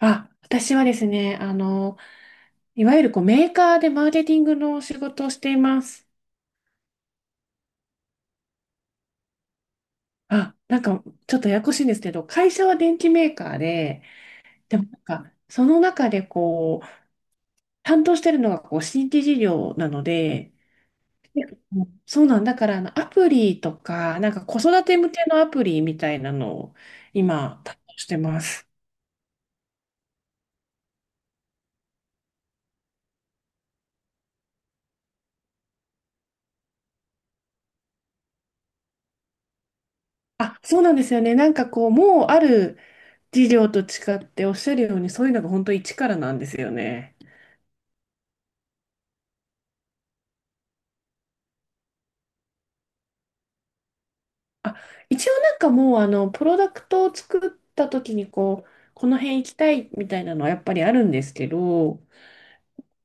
あ、私はですね、いわゆるこうメーカーでマーケティングの仕事をしています。あ、なんかちょっとややこしいんですけど、会社は電機メーカーで、でもなんかその中でこう、担当してるのがこう新規事業なので、で、そうなんだからアプリとか、なんか子育て向けのアプリみたいなのを今担当してます。あ、そうなんですよね。なんかこう、もうある事業と違っておっしゃるように、そういうのが本当一からなんですよね。あ、一応もうプロダクトを作った時にこうこの辺行きたいみたいなのはやっぱりあるんですけど、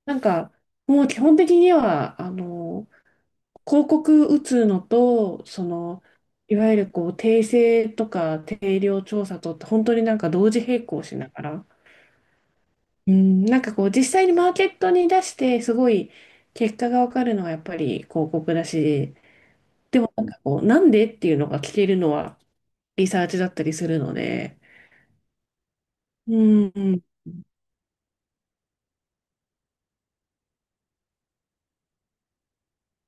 なんかもう基本的には広告打つのと、そのいわゆるこう訂正とか定量調査とって本当になんか同時並行しながら、うん、なんかこう実際にマーケットに出してすごい結果が分かるのはやっぱり広告だし、なんかこうなんでっていうのが聞けるのはリサーチだったりするので。うんうん。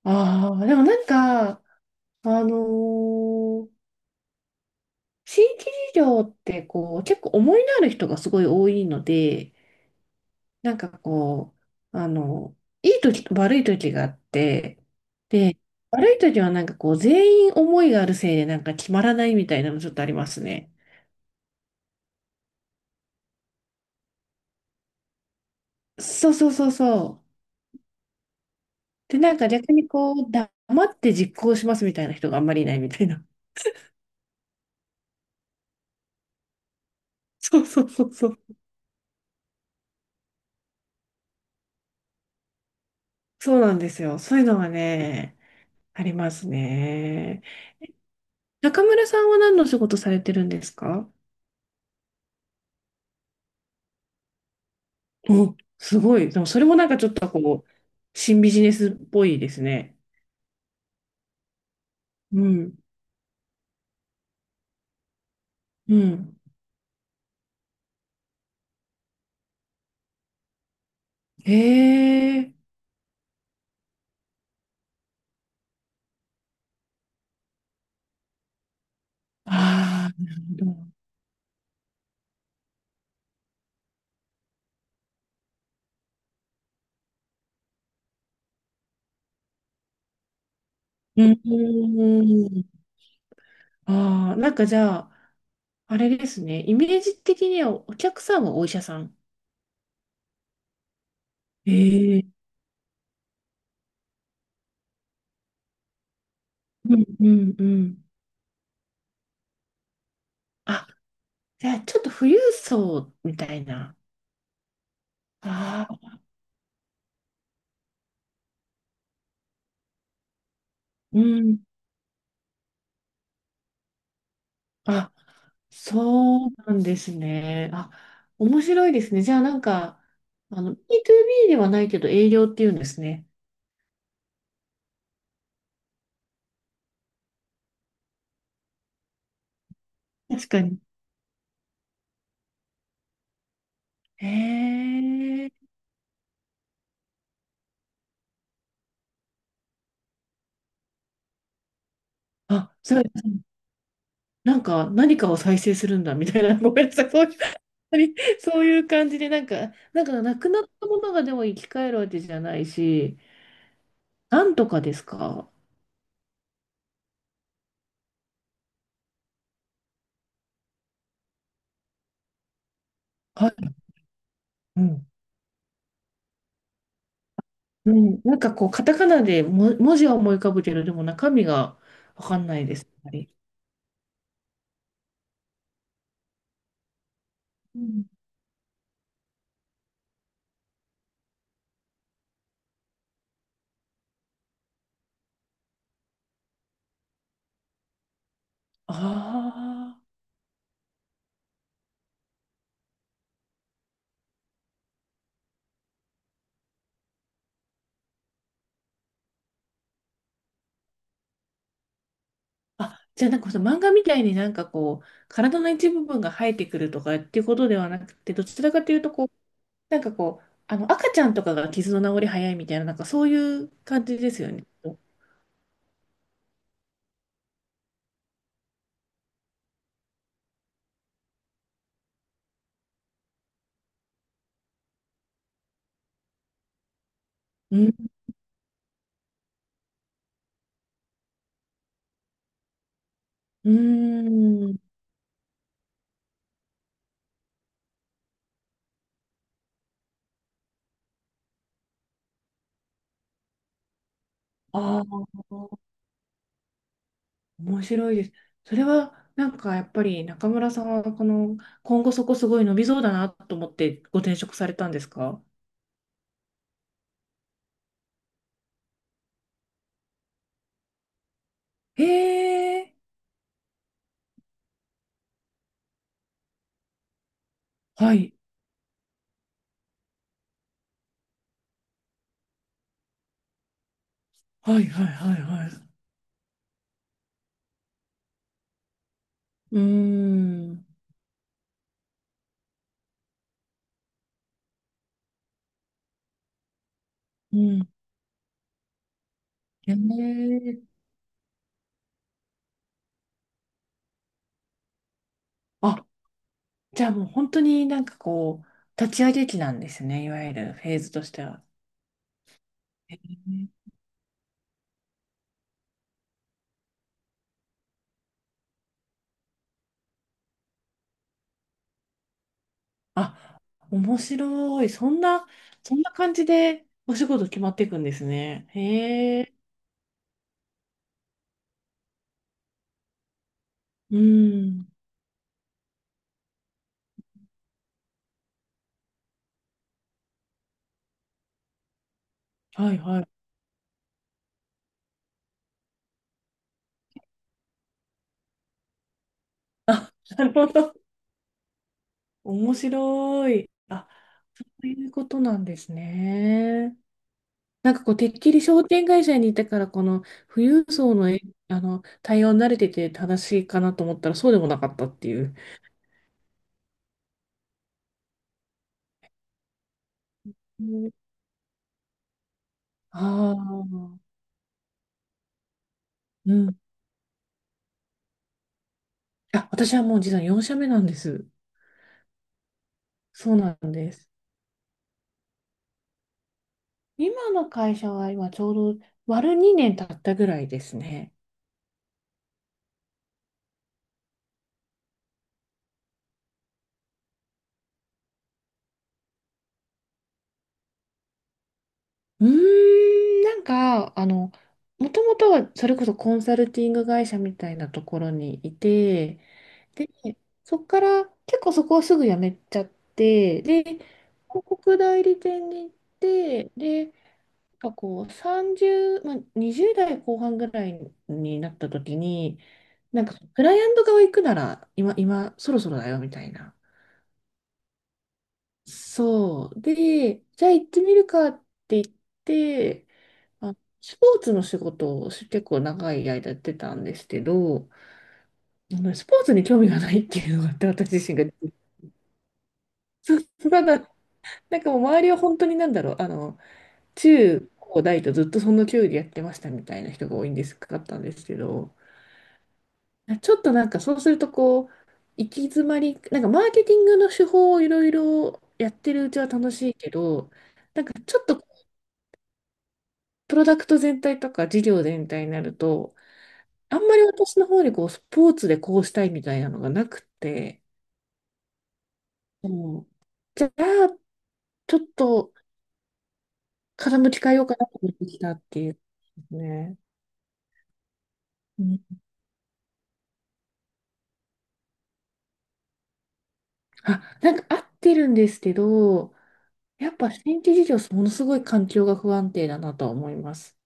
ああ、でもなんか、あのー新規事業ってこう、結構思いのある人がすごい多いので、なんかこう、いい時と悪い時があって、で、悪い時はなんかこう、全員思いがあるせいでなんか決まらないみたいなのちょっとありますね。そうそうそうそう。で、なんか逆にこう、黙って実行しますみたいな人があんまりいないみたいな。そうそうそうそう。そうなんですよ。そういうのはね、ありますね。中村さんは何の仕事されてるんですか？お、すごい。でもそれもなんかちょっとこう、新ビジネスっぽいですね。うん。うん。へえ。ああ、なるほど。うん。ああ、なんかじゃあ、あれですね。イメージ的にはお客さんはお医者さん。ええ。うんうんうん。あ、じゃあちょっと富裕層みたいな。ああ、うん。あ、そうなんですね。あ、面白いですね。じゃあなんか、あの、B2B ではないけど営業っていうんですね。確かに。へえ。あ、そう、なんか何かを再生するんだみたいな。ごめんなさい。そういう、そういう感じで、なんか、なんかなくなったものがでも生き返るわけじゃないし、なんとかですか？はい。うん。うん、なんかこう、カタカナでも文字は思い浮かぶけど、でも中身がわかんないです。やっぱり。うん。ああ。あ、じゃあなんかその漫画みたいになんかこう、体の一部分が生えてくるとかっていうことではなくて、どちらかというとこう、なんかこう、あの赤ちゃんとかが傷の治り早いみたいな、なんかそういう感じですよね。うん。うーん。ああ、面白いです。それはなんかやっぱり中村さんはこの、今後そこすごい伸びそうだなと思ってご転職されたんですか？へえ。はい。はいはいはいはい。うーん。うん。へえ。あ、じゃあもう本当になんかこう、立ち上げ期なんですね、いわゆるフェーズとしては。へえ。あ、面白い。そんな、そんな感じでお仕事決まっていくんですね。へえ。うん。はいはい。なるほど。面白い。あ、そういうことなんですね。なんかこう、てっきり商店会社にいたから、この富裕層の、え、あの対応に慣れてて正しいかなと思ったら、そうでもなかったっていう。ああ、うん。あ、私はもう実は4社目なんです。そうなんです。今の会社は今ちょうど割る2年経ったぐらいですね。うーん、なんか、あの、もともとはそれこそコンサルティング会社みたいなところにいて、で、そこから結構そこをすぐ辞めちゃって、で、広告代理店に行って、で、なんかこう30、まあ、20代後半ぐらいになった時に、なんかクライアント側行くなら今、今そろそろだよみたいな。そう。で、じゃあ行ってみるかって言って、あ、スポーツの仕事を結構長い間やってたんですけど、あのスポーツに興味がないっていうのがあって、私自身が。そう。まだ、なんかもう周りは本当になんだろう、あの、中高大とずっとその競技やってましたみたいな人が多いんですかったんですけど、あ、ちょっとなんかそうするとこう、行き詰まり、なんかマーケティングの手法をいろいろやってるうちは楽しいけど、なんかちょっとプロダクト全体とか事業全体になると、あんまり私の方にこうスポーツでこうしたいみたいなのがなくて、もうじゃあちょっと傾き変えようかなと思ってきたっていうね。うん。あ、なんか合ってるんですけど、やっぱ新規事業、ものすごい環境が不安定だなとは思います。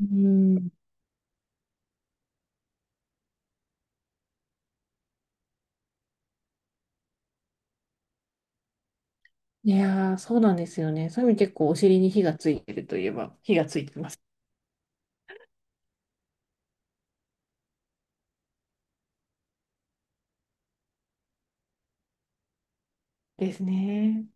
うん。いやー、そうなんですよね。そういう意味結構お尻に火がついてるといえば、火がついてます。ですね。